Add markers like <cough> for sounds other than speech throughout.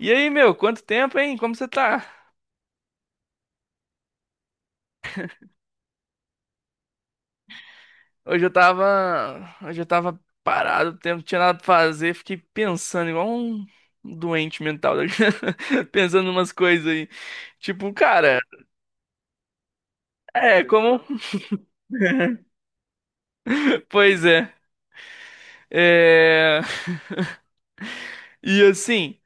E aí, meu, quanto tempo, hein? Como você tá? Hoje eu tava, hoje eu tava parado, o tempo, não tinha nada pra fazer, fiquei pensando igual um doente mental, né? <laughs> pensando umas coisas aí. Tipo, cara, é como, <laughs> pois é. É. <laughs> E assim,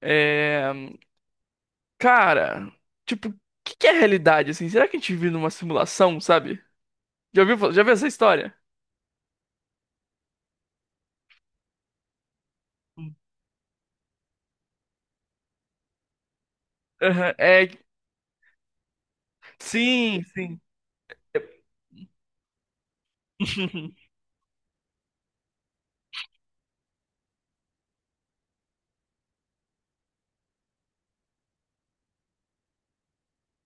é, cara, tipo, o que é realidade assim? Será que a gente vive numa simulação, sabe? Já ouviu, já viu essa história? Aham, é, sim, sim. <laughs>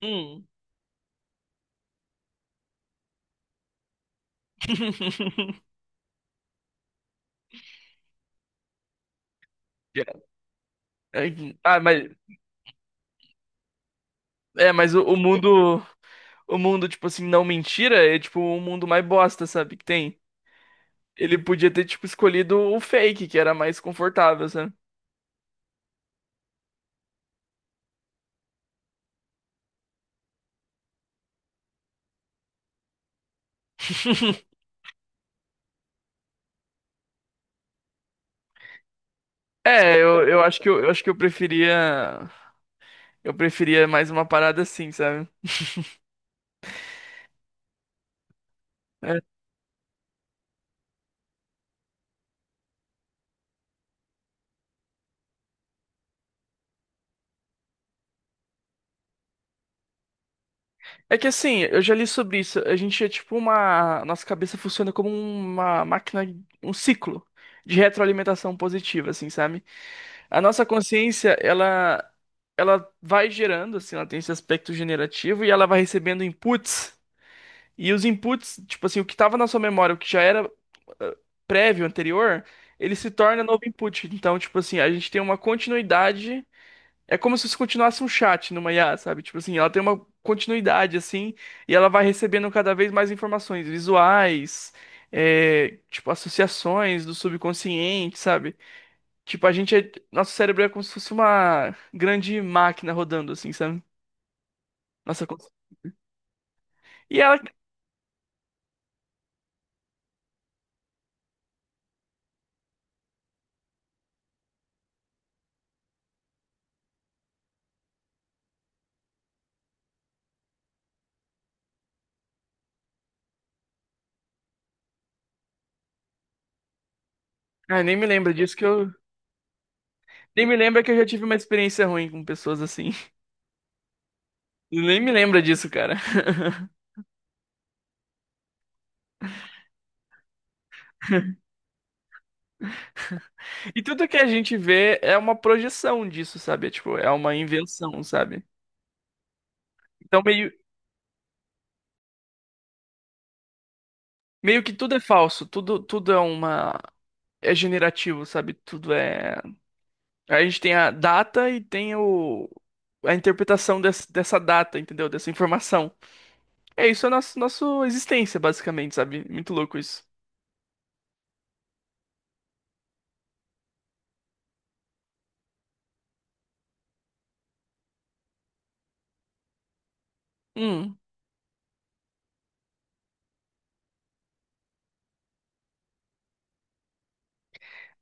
Hum. <laughs> Ah, mas é, mas o mundo, o mundo tipo assim, não mentira, é tipo o mundo mais bosta, sabe, que tem. Ele podia ter tipo escolhido o fake, que era mais confortável, sabe? É, eu acho que eu acho que eu preferia mais uma parada assim, sabe? É. É que assim, eu já li sobre isso. A gente é tipo uma. Nossa cabeça funciona como uma máquina, um ciclo de retroalimentação positiva, assim, sabe? A nossa consciência, ela vai gerando, assim, ela tem esse aspecto generativo e ela vai recebendo inputs. E os inputs, tipo assim, o que estava na sua memória, o que já era ah, prévio, anterior, ele se torna novo input. Então, tipo assim, a gente tem uma continuidade. É como se isso continuasse um chat numa IA, sabe? Tipo assim, ela tem uma continuidade, assim, e ela vai recebendo cada vez mais informações visuais, é, tipo, associações do subconsciente, sabe? Tipo, a gente é, nosso cérebro é como se fosse uma grande máquina rodando, assim, sabe? Nossa, e ela, ah, nem me lembra disso que eu, nem me lembra que eu já tive uma experiência ruim com pessoas assim. <laughs> Nem me lembra disso, cara. <laughs> E tudo que a gente vê é uma projeção disso, sabe? É, tipo, é uma invenção, sabe? Então, meio Meio que tudo é falso, tudo, tudo é uma. É generativo, sabe? Tudo é. A gente tem a data e tem o... a interpretação dessa data, entendeu? Dessa informação. É isso, é nosso, nossa existência, basicamente, sabe? Muito louco isso. Hum.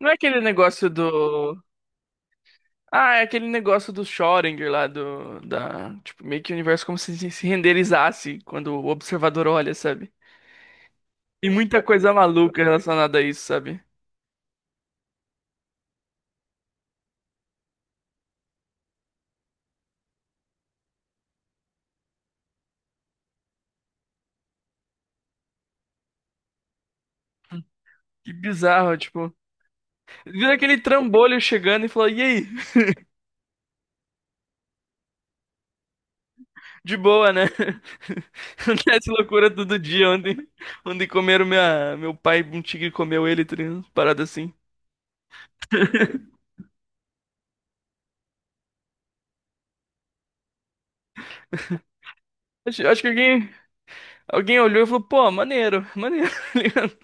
Não é aquele negócio do. Ah, é aquele negócio do Schrödinger lá, do. Da... Tipo, meio que o universo como se renderizasse quando o observador olha, sabe? E muita coisa maluca relacionada a isso, sabe? Que bizarro, tipo. Viu aquele trambolho chegando e falou: E aí? De boa, né? <laughs> Acontece loucura todo dia. Ontem comeram minha, meu pai, um tigre comeu ele, tá parada assim. <laughs> Acho, acho que alguém, alguém olhou e falou: Pô, maneiro, maneiro, <laughs> tá ligado?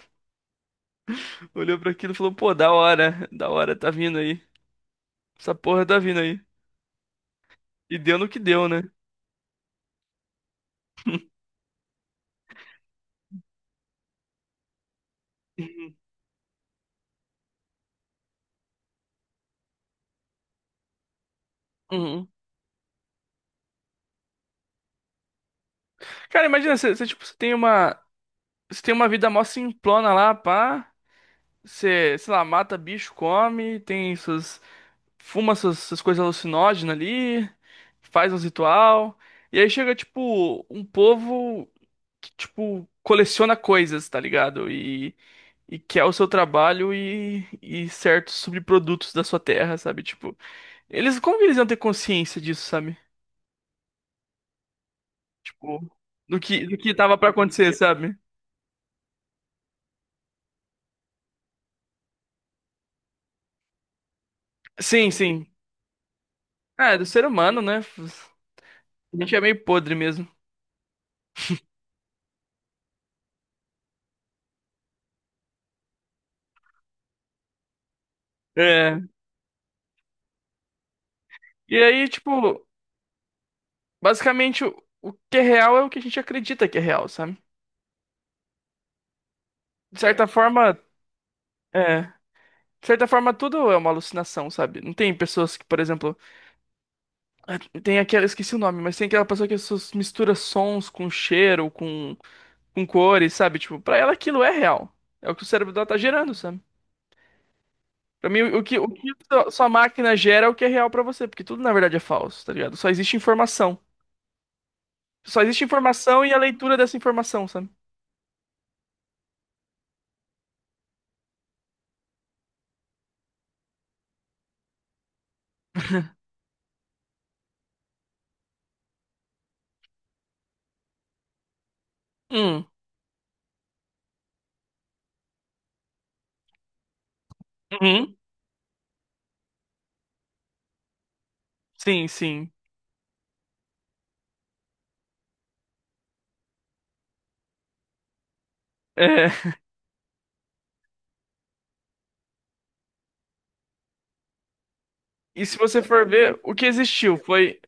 Olhou pra aquilo e falou: Pô, da hora, tá vindo aí. Essa porra tá vindo aí. E deu no que deu, né? Uhum. Uhum. Cara, imagina, você, tipo, você tem uma vida mó simplona lá, pá. Você, sei lá, mata bicho, come, tem suas, fuma essas, essas coisas alucinógenas ali, faz uns ritual, e aí chega, tipo, um povo que, tipo, coleciona coisas, tá ligado? E quer o seu trabalho e certos subprodutos da sua terra, sabe? Tipo, eles, como que eles iam ter consciência disso, sabe? Tipo, do que tava pra acontecer, sabe? Sim, sim. Ah, é do ser humano, né? A gente é meio podre mesmo. É. E aí, tipo, basicamente, o que é real é o que a gente acredita que é real, sabe? De é, certa forma, é. De certa forma, tudo é uma alucinação, sabe? Não tem pessoas que, por exemplo, tem aquela, esqueci o nome, mas tem aquela pessoa que mistura sons com cheiro, com cores, sabe? Tipo, pra ela aquilo é real. É o que o cérebro dela tá gerando, sabe? Pra mim, o que sua máquina gera é o que é real pra você, porque tudo na verdade é falso, tá ligado? Só existe informação. Só existe informação e a leitura dessa informação, sabe? <laughs> Hum, uhum, sim, sim. É. <laughs> E se você for ver, o que existiu foi.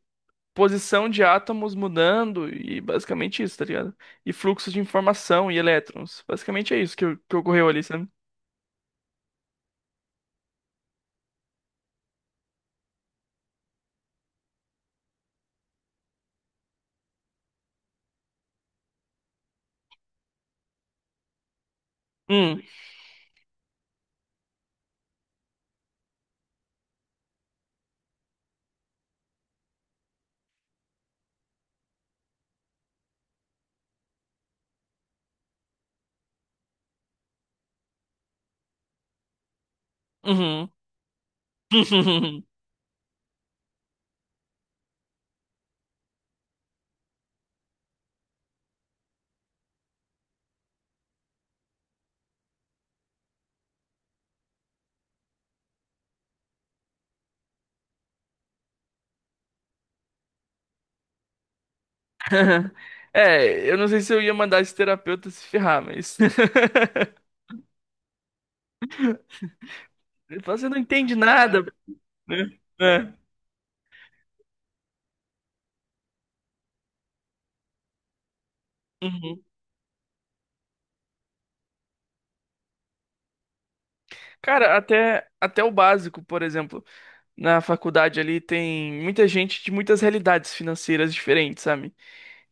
Posição de átomos mudando e basicamente isso, tá ligado? E fluxos de informação e elétrons. Basicamente é isso que ocorreu ali, sabe? Hum, uhum. <laughs> É, eu não sei se eu ia mandar esse terapeuta se ferrar, mas. <laughs> Ele fala, você não entende nada, né? É. Uhum. Cara, até o básico, por exemplo, na faculdade ali tem muita gente de muitas realidades financeiras diferentes, sabe?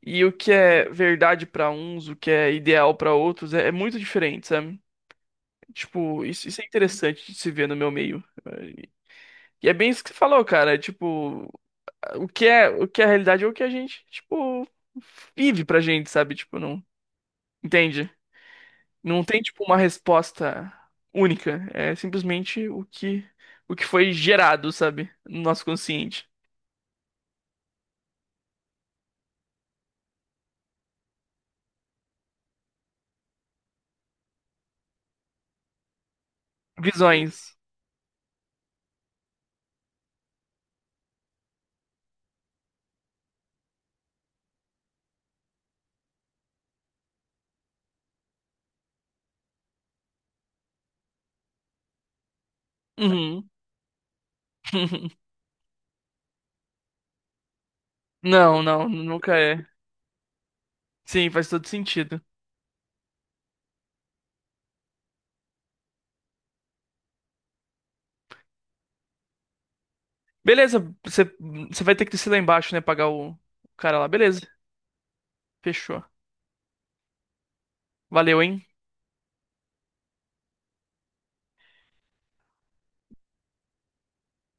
E o que é verdade pra uns, o que é ideal pra outros, é, é muito diferente, sabe? Tipo, isso é interessante de se ver no meu meio. E é bem isso que você falou, cara. É tipo, o que é a realidade é o que a gente, tipo, vive pra gente, sabe? Tipo, não. Entende? Não tem, tipo, uma resposta única. É simplesmente o que foi gerado, sabe? No nosso consciente. Visões. Uhum. <laughs> Não, não, nunca é. Sim, faz todo sentido. Beleza, você você vai ter que descer lá embaixo, né? Pagar o cara lá. Beleza, fechou. Valeu, hein?